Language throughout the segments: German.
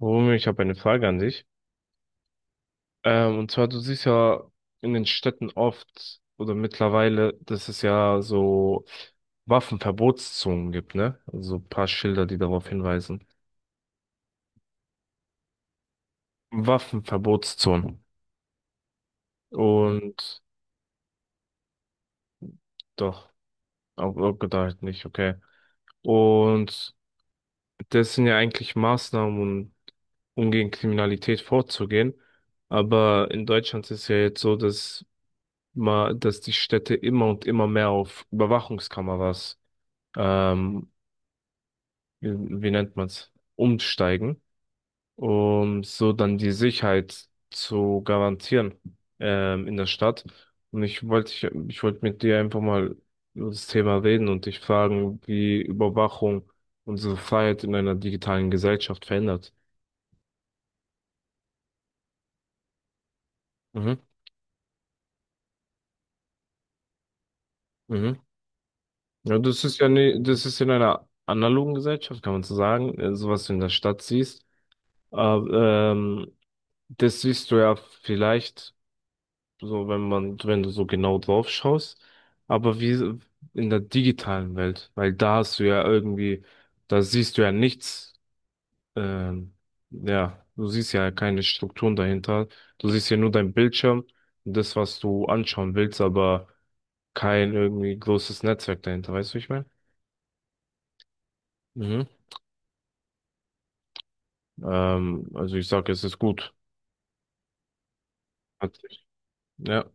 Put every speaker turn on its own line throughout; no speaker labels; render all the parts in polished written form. Romeo, ich habe eine Frage an dich. Und zwar, du siehst ja in den Städten oft oder mittlerweile, dass es ja so Waffenverbotszonen gibt, ne? Also ein paar Schilder, die darauf hinweisen. Waffenverbotszonen. Und doch, auch gedacht nicht, okay. Und das sind ja eigentlich Maßnahmen, um gegen Kriminalität vorzugehen. Aber in Deutschland ist es ja jetzt so, dass die Städte immer und immer mehr auf Überwachungskameras ähm, wie, wie nennt man's, umsteigen, um so dann die Sicherheit zu garantieren in der Stadt. Und ich wollte mit dir einfach mal über das Thema reden und dich fragen, wie Überwachung unsere Freiheit in einer digitalen Gesellschaft verändert. Mhm, mhm. Ja, das ist ja ne, das ist in einer analogen Gesellschaft, kann man so sagen, so was du in der Stadt siehst. Aber, das siehst du ja vielleicht so wenn du so genau drauf schaust, aber wie so in der digitalen Welt, weil da hast du ja irgendwie, da siehst du ja nichts, ähm, ja, du siehst ja keine Strukturen dahinter, du siehst ja nur deinen Bildschirm und das, was du anschauen willst, aber kein irgendwie großes Netzwerk dahinter, weißt du, wie ich meine? Mhm. Also ich sag, es ist gut. Hat- sich- Ja.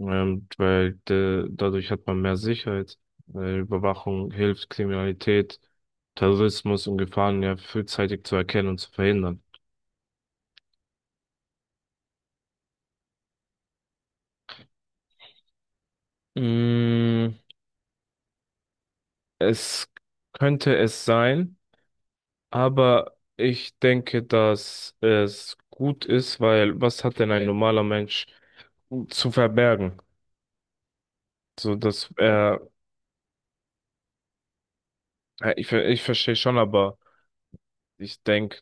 weil dadurch hat man mehr Sicherheit. Überwachung hilft, Kriminalität, Terrorismus und Gefahren ja frühzeitig zu erkennen und zu verhindern. Mm, es könnte es sein, aber ich denke, dass es gut ist, weil was hat denn ein normaler Mensch zu verbergen? So, dass er, ich, ver- ich verstehe schon, aber ich denke,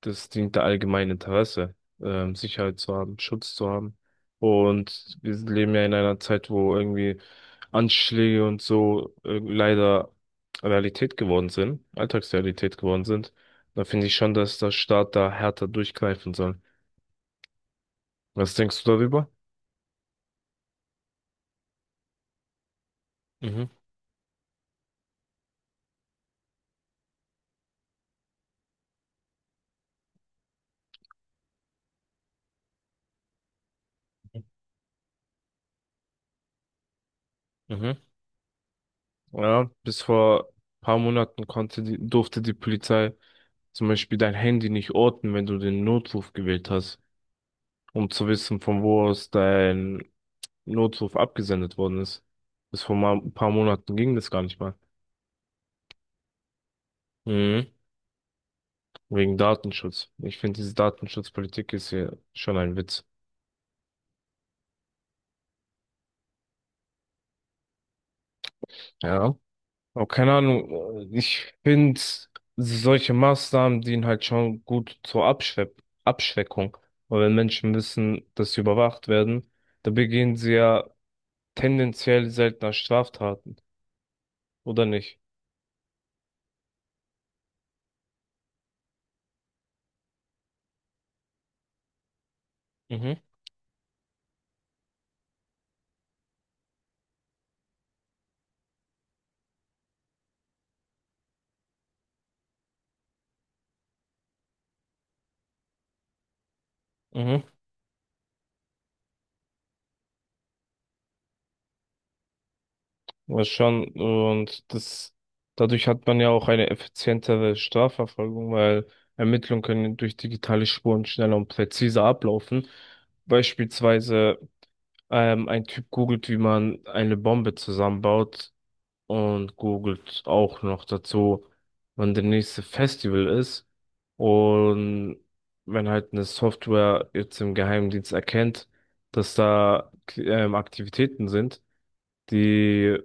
das dient der allgemeinen Interesse, Sicherheit zu haben, Schutz zu haben. Und wir leben ja in einer Zeit, wo irgendwie Anschläge und so leider Realität geworden sind, Alltagsrealität geworden sind. Da finde ich schon, dass der Staat da härter durchgreifen soll. Was denkst du darüber? Mhm, mhm. Ja, bis vor paar Monaten durfte die Polizei zum Beispiel dein Handy nicht orten, wenn du den Notruf gewählt hast, um zu wissen, von wo aus dein Notruf abgesendet worden ist. Bis vor ein paar Monaten ging das gar nicht mal. Mhm. Wegen Datenschutz. Ich finde, diese Datenschutzpolitik ist hier schon ein Witz. Ja. Aber keine Ahnung, ich finde, solche Maßnahmen dienen halt schon gut zur Abschwe Abschreckung. Weil wenn Menschen wissen, dass sie überwacht werden, dann begehen sie ja tendenziell seltener Straftaten, oder nicht? Mhm. Mhm. Ja, schon. Und dadurch hat man ja auch eine effizientere Strafverfolgung, weil Ermittlungen können durch digitale Spuren schneller und präziser ablaufen. Beispielsweise, ein Typ googelt, wie man eine Bombe zusammenbaut und googelt auch noch dazu, wann der nächste Festival ist. Und wenn halt eine Software jetzt im Geheimdienst erkennt, dass da, Aktivitäten sind, die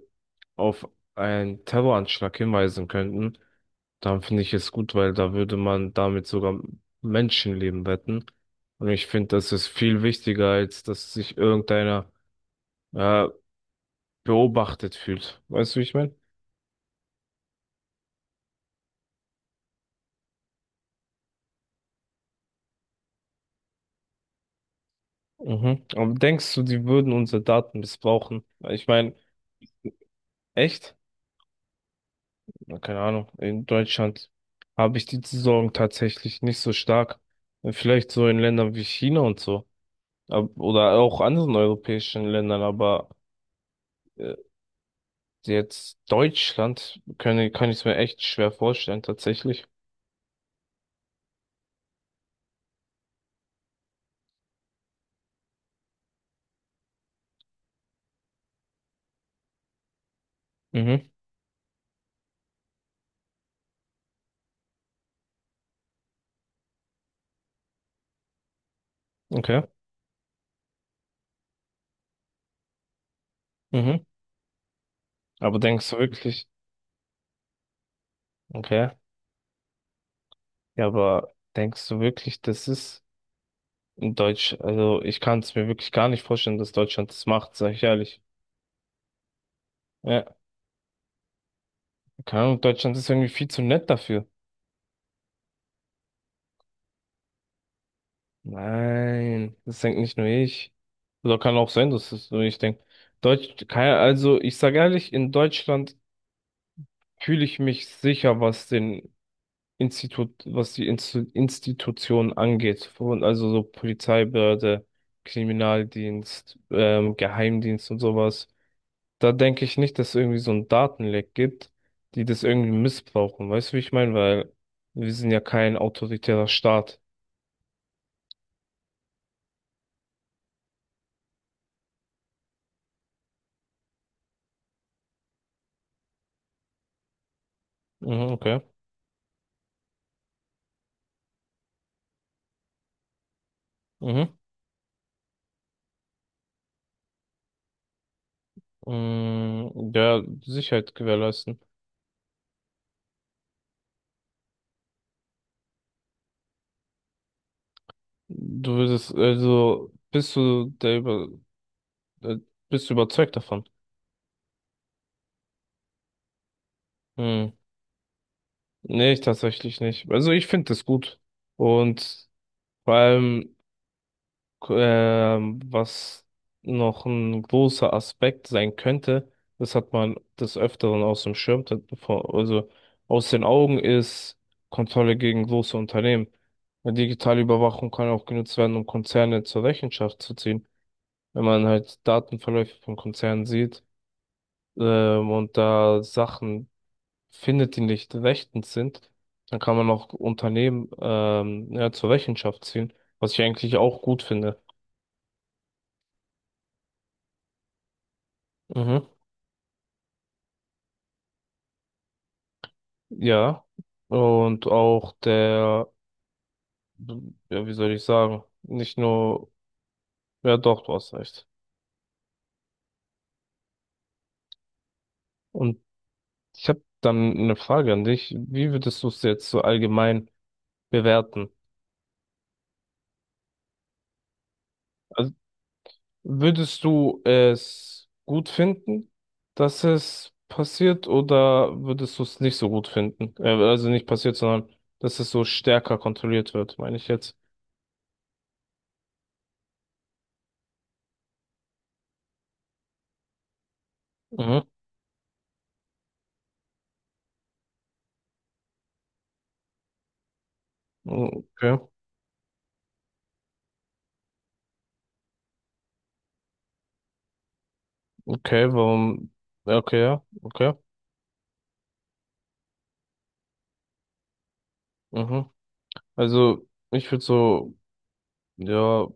auf einen Terroranschlag hinweisen könnten, dann finde ich es gut, weil da würde man damit sogar Menschenleben retten. Und ich finde, das ist viel wichtiger, als dass sich irgendeiner äh, beobachtet fühlt. Weißt du, wie ich meine? Mhm. Aber denkst du, die würden unsere Daten missbrauchen? Ich meine, echt? Na, keine Ahnung. In Deutschland habe ich die Sorgen tatsächlich nicht so stark. Vielleicht so in Ländern wie China und so. Oder auch anderen europäischen Ländern, aber äh, jetzt Deutschland kann ich es mir echt schwer vorstellen, tatsächlich. Mhm, okay. Mhm. Aber denkst du wirklich, okay, ja, aber denkst du wirklich, das ist also ich kann es mir wirklich gar nicht vorstellen, dass Deutschland das macht, sag ich ehrlich. Ja, keine Ahnung, Deutschland ist irgendwie viel zu nett dafür. Nein, das denkt nicht nur ich. Oder kann auch sein, dass das nur ich denke. Deutsch, keine, also ich sag ehrlich, in Deutschland fühle ich mich sicher, was die Instu Institution angeht. Also so Polizeibehörde, Kriminaldienst, Geheimdienst und sowas. Da denke ich nicht, dass es irgendwie so ein Datenleck gibt, die das irgendwie missbrauchen. Weißt du, wie ich meine? Weil wir sind ja kein autoritärer Staat. Mhm, okay. Mhm. Ja, Sicherheit gewährleisten. Du würdest, also, bist du der über, äh, bist du überzeugt davon? Hm. Nee, ich tatsächlich nicht. Also ich finde das gut. Und vor allem, was noch ein großer Aspekt sein könnte, das hat man des Öfteren aus dem Schirm, also aus den Augen ist Kontrolle gegen große Unternehmen. Eine digitale Überwachung kann auch genutzt werden, um Konzerne zur Rechenschaft zu ziehen. Wenn man halt Datenverläufe von Konzernen sieht, und da Sachen findet, die nicht rechtens sind, dann kann man auch Unternehmen ja, zur Rechenschaft ziehen, was ich eigentlich auch gut finde. Mhm. Ja. Und auch der, ja, wie soll ich sagen, nicht nur, ja doch, du hast recht. Und ich habe dann eine Frage an dich. Wie würdest du es jetzt so allgemein bewerten? Würdest du es gut finden, dass es passiert, oder würdest du es nicht so gut finden? Also nicht passiert, sondern dass es so stärker kontrolliert wird, meine ich jetzt. Mhm. Okay, okay, warum? Ja, okay, ja, okay. Mhm. Also ich würde so, ja,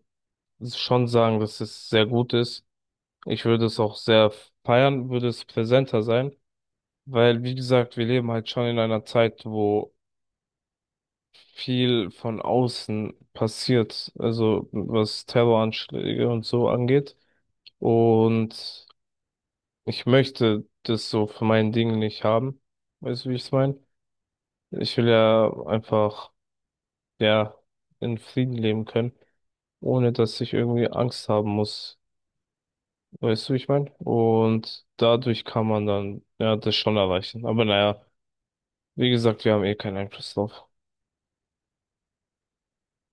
schon sagen, dass es sehr gut ist. Ich würde es auch sehr feiern, würde es präsenter sein, weil, wie gesagt, wir leben halt schon in einer Zeit, wo viel von außen passiert, also was Terroranschläge und so angeht. Und ich möchte das so für mein Ding nicht haben. Weißt du, wie ich es meine? Ich will ja einfach, ja, in Frieden leben können, ohne dass ich irgendwie Angst haben muss. Weißt du, wie ich meine? Und dadurch kann man dann, ja, das schon erreichen. Aber naja, wie gesagt, wir haben eh keinen Einfluss drauf.